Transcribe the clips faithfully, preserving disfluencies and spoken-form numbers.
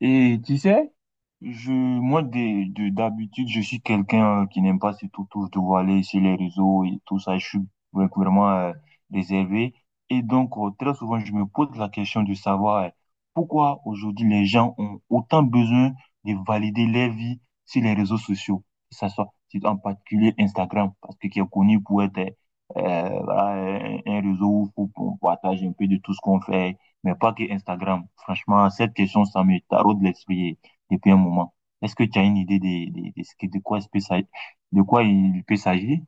Et tu sais, je, moi, des- de, d'habitude, je suis quelqu'un euh, qui n'aime pas surtout tout de aller sur les réseaux et tout ça. Je suis vra- vraiment euh, réservé. Et donc, euh, très souvent, je me pose la question de savoir euh, pourquoi aujourd'hui les gens ont autant besoin de valider leur vie sur les réseaux sociaux, que ça soit c'est en particulier Instagram, parce que qui est connu pour être euh, euh, voilà, un, un réseau où on partage un peu de tout ce qu'on fait mais pas que Instagram. Franchement, cette question, ça me taraude l'esprit depuis un moment. Est-ce que tu as une idée de, de, de, ce que- de quoi, il peut s'agir- de quoi il peut s'agir?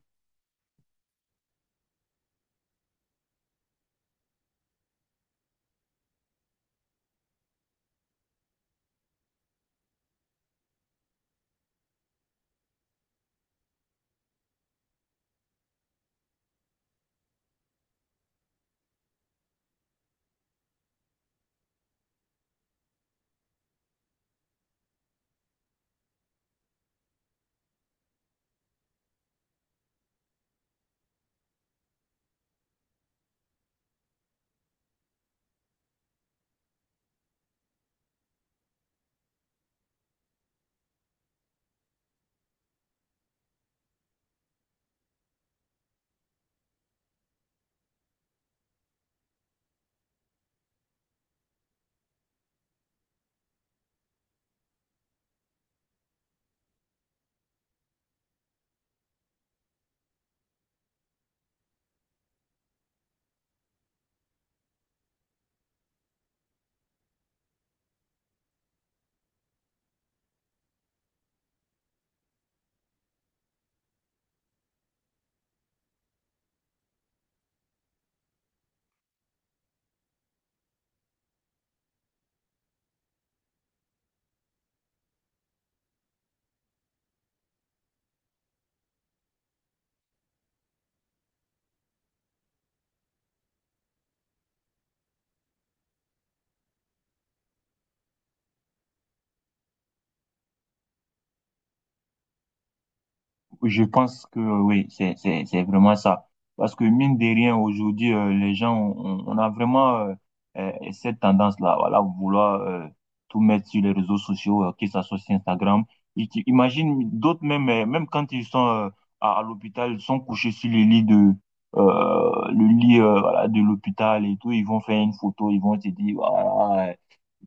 Je pense que oui, c'est c'est c'est vraiment ça. Parce que mine de rien, aujourd'hui, euh, les gens, on, on a vraiment euh, euh, cette tendance-là, voilà, vouloir euh, tout mettre sur les réseaux sociaux, euh, que ça soit sur Instagram. Et tu- Imagine d'autres même, euh, même quand ils sont euh, à, à l'hôpital, ils sont couchés sur les lits de euh, le lit euh, voilà, de l'hôpital et tout, ils vont faire une photo, ils vont te dire voilà,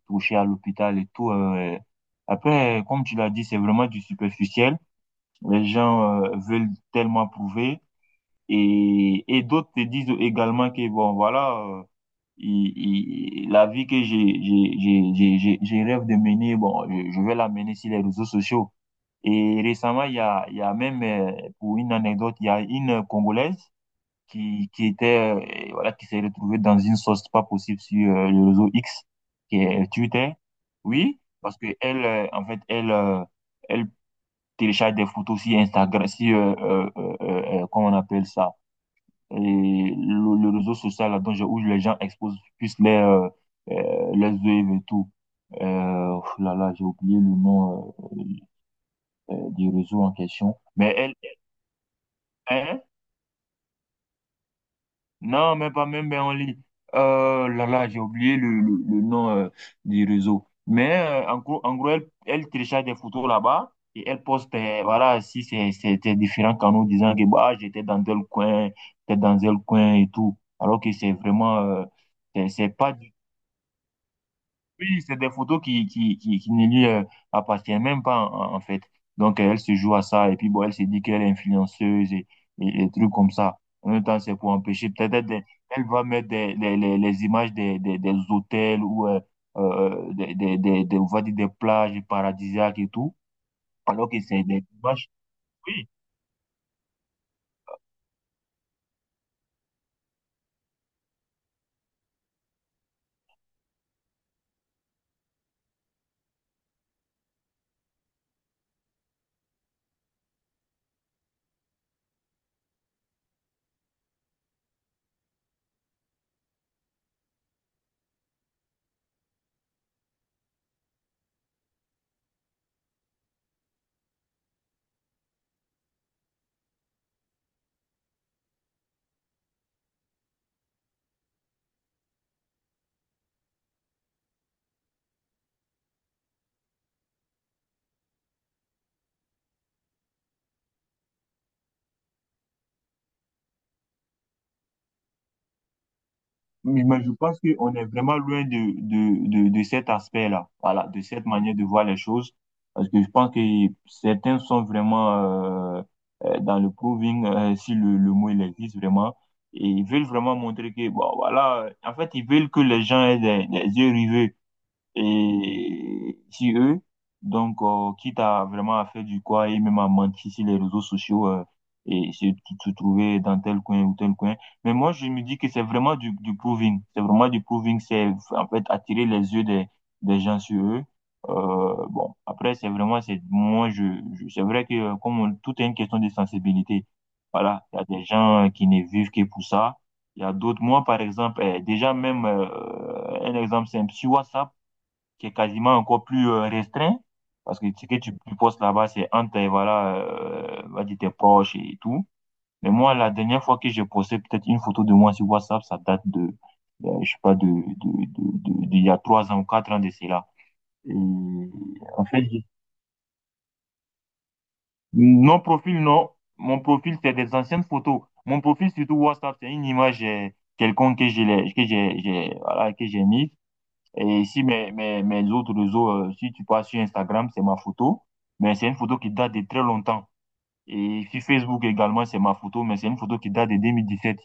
touché à l'hôpital et tout. euh. Après, comme tu l'as dit, c'est vraiment du superficiel. Les gens euh, veulent tellement prouver et, et, d'autres te disent également que bon voilà euh, il- il- la vie que j'ai j'ai j'ai j'ai j'ai- j'ai rêve de mener bon je, je vais la mener sur les réseaux sociaux et récemment il y a il y a même euh, pour une anecdote il y a une Congolaise qui qui était euh, voilà qui s'est retrouvée dans une sauce pas possible sur euh, le réseau X qui est Twitter oui parce que elle euh, en fait elle euh, elle télécharge des photos sur Instagram, sur, euh, euh, euh, euh, comment on appelle ça, et le, le réseau social là, dont je- où les gens exposent plus les, euh, euh, les œuvres et tout. Euh, oh là là, j'ai oublié le nom euh, euh, du réseau en question. Mais elle, hein? Non, même pas, même ben, en ligne. Euh, là, là, j'ai oublié le, le, le nom euh, du réseau. Mais euh, en gros, en gros elle, elle télécharge des photos là-bas et elle poste, euh, voilà, si c'est c'est- c'est différents canaux disant que bah, j'étais dans tel coin, j'étais dans tel coin et tout. Alors que c'est vraiment, euh, c'est c'est pas, du- oui, c'est des photos qui, qui, qui, qui ne lui euh, appartiennent même pas, en, en fait. Donc, euh, elle se joue à ça, et puis, bon, elle se dit qu'elle est influenceuse et, et, et trucs comme ça. En même temps, c'est pour empêcher. Peut-être elle, des- elle va mettre des, les, les, les images des, des, des hôtels ou euh, euh, des, des, des, des- on va dire des plages paradisiaques et tout, alors que c'est des images. Oui, Mais mais je pense qu'on est vraiment loin de, de, de, de cet aspect-là, voilà, de cette manière de voir les choses, parce que je pense que certains sont vraiment euh, euh, dans le proving, euh, si le, le mot il existe vraiment, et ils veulent vraiment montrer que, bon, voilà, euh, en fait, ils veulent que les gens aient des, des yeux rivés et si eux, donc, euh, quitte à vraiment à faire du quoi et même à mentir sur les réseaux sociaux euh, et se, se trouver dans tel coin ou tel coin. Mais moi, je me dis que c'est vraiment du, du proving. C'est vraiment du proving. C'est en fait attirer les yeux des, des gens sur eux. Euh, bon, après, c'est vraiment, c'est moi, je, je- c'est vrai que euh, comme on- tout est une question de sensibilité. Voilà, il y a des gens qui ne vivent que pour ça. Il y a d'autres, moi, par exemple, euh, déjà même, euh, un exemple simple, sur WhatsApp, qui est quasiment encore plus euh, restreint, parce que ce que tu, tu postes là-bas, c'est entre, euh, voilà, euh, on va dire tes proches et tout. Mais moi, la dernière fois que j'ai posté peut-être une photo de moi sur WhatsApp, ça date de, euh, je sais pas, de, de, de, de, de- d'il y a trois ans ou quatre ans de cela. Et en fait, j'ai- non profil, non. Mon profil, c'est des anciennes photos. Mon profil, surtout WhatsApp, c'est une image euh, quelconque que j'ai, que j'ai, j'ai- voilà, que j'ai mise. Et ici, mes, mes, mes autres réseaux, euh, si tu passes sur Instagram, c'est ma photo, mais c'est une photo qui date de très longtemps. Et sur Facebook également, c'est ma photo, mais c'est une photo qui date de deux mille dix-sept.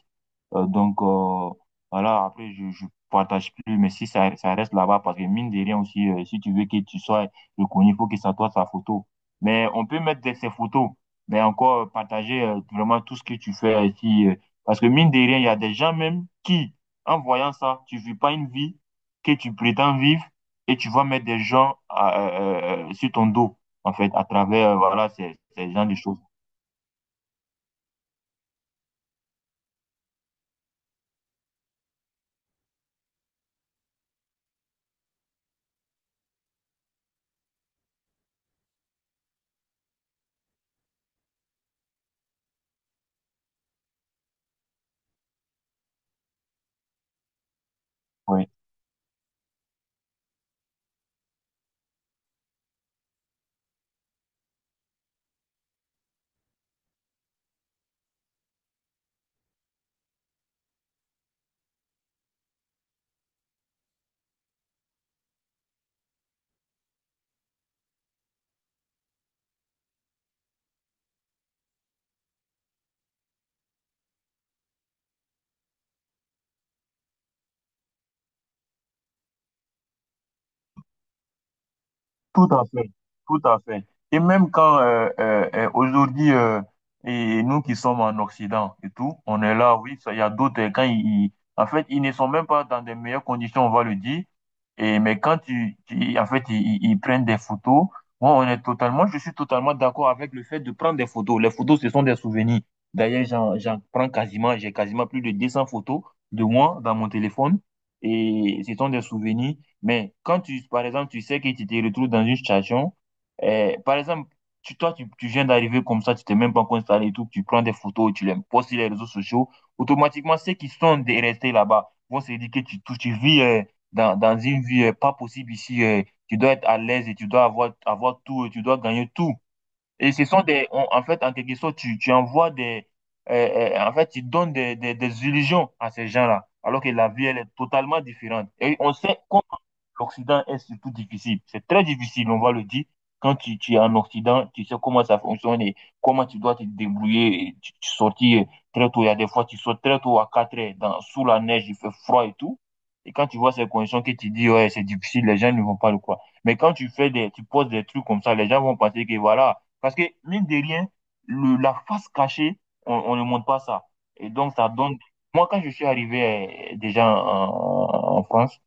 Euh, donc, euh, voilà, après, je, je partage plus, mais si ça, ça reste là-bas, parce que mine de rien aussi, euh, si tu veux que tu sois reconnu, il faut que ça soit sa photo. Mais on peut mettre des- ces photos, mais encore euh, partager euh, vraiment tout ce que tu fais ici. euh, parce que mine de rien, il y a des gens même qui, en voyant ça, tu vis pas une vie que tu prétends vivre et tu vas mettre des gens à- euh, euh, sur ton dos, en fait, à travers, euh, voilà, ces, ces gens de choses. Oui, tout à fait, tout à fait. Et même quand euh, euh, euh, aujourd'hui, euh, et nous qui sommes en Occident et tout, on est là, oui, ça, il y a d'autres, euh, quand ils, ils- en fait, ils, ne sont même pas dans des meilleures conditions, on va le dire, et, mais quand tu, tu- en fait, ils, ils- ils prennent des photos, moi, on est totalement, je suis totalement d'accord avec le fait de prendre des photos. Les photos, ce sont des souvenirs. D'ailleurs, j'en, j'en prends quasiment, j'ai quasiment plus de deux cents photos de moi dans mon téléphone, et ce sont des souvenirs. Mais quand tu, par exemple, tu sais que tu te retrouves dans une situation, euh, par exemple, tu, toi, tu, tu viens d'arriver comme ça, tu t'es même pas encore installé et tout, tu prends des photos, tu les postes sur les réseaux sociaux, automatiquement, ceux qui sont des- restés là-bas vont se dire que tu, tu, tu vis euh, dans, dans une vie euh, pas possible ici, euh, tu dois être à l'aise et tu dois avoir, avoir tout, et tu dois gagner tout. Et ce sont des, on- en fait, en quelque sorte, tu, tu envoies des, euh, euh, en fait, tu donnes des, des, des illusions à ces gens-là, alors que la vie, elle est totalement différente. Et on sait l'Occident est surtout difficile. C'est très difficile, on va le dire. Quand tu, tu es en Occident, tu sais comment ça fonctionne et comment tu dois te débrouiller. Et tu, tu sortis très tôt. Il y a des fois, tu sors très tôt à quatre heures, dans, sous la neige, il fait froid et tout. Et quand tu vois ces conditions que tu dis, ouais, c'est difficile, les gens ne vont pas le croire. Mais quand tu fais des, tu poses des trucs comme ça, les gens vont penser que voilà. Parce que, mine de rien, le, la face cachée, on, on ne montre pas ça. Et donc, ça donne, moi, quand je suis arrivé euh, déjà en, en France,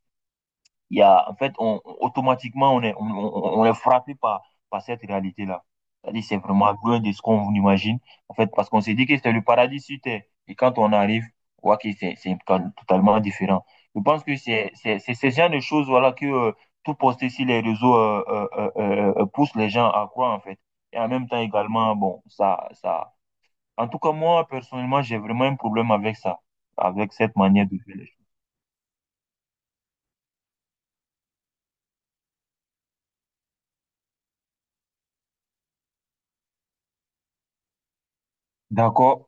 il y a, en fait, on, on- automatiquement, on est, on, on- on est frappé par, par cette réalité-là. C'est-à-dire, c'est vraiment loin de ce qu'on imagine. En fait, parce qu'on s'est dit que c'était le paradis sur Terre. Et quand on arrive, on voit que c'est, c'est to- totalement différent. Je pense que c'est, c'est, c'est ce genre de choses, voilà, que euh, tout poster sur les réseaux euh, euh, euh, euh, euh, pousse les gens à croire, en fait. Et en même temps, également, bon, ça, ça. En tout cas, moi, personnellement, j'ai vraiment un problème avec ça, avec cette manière de faire les choses. D'accord.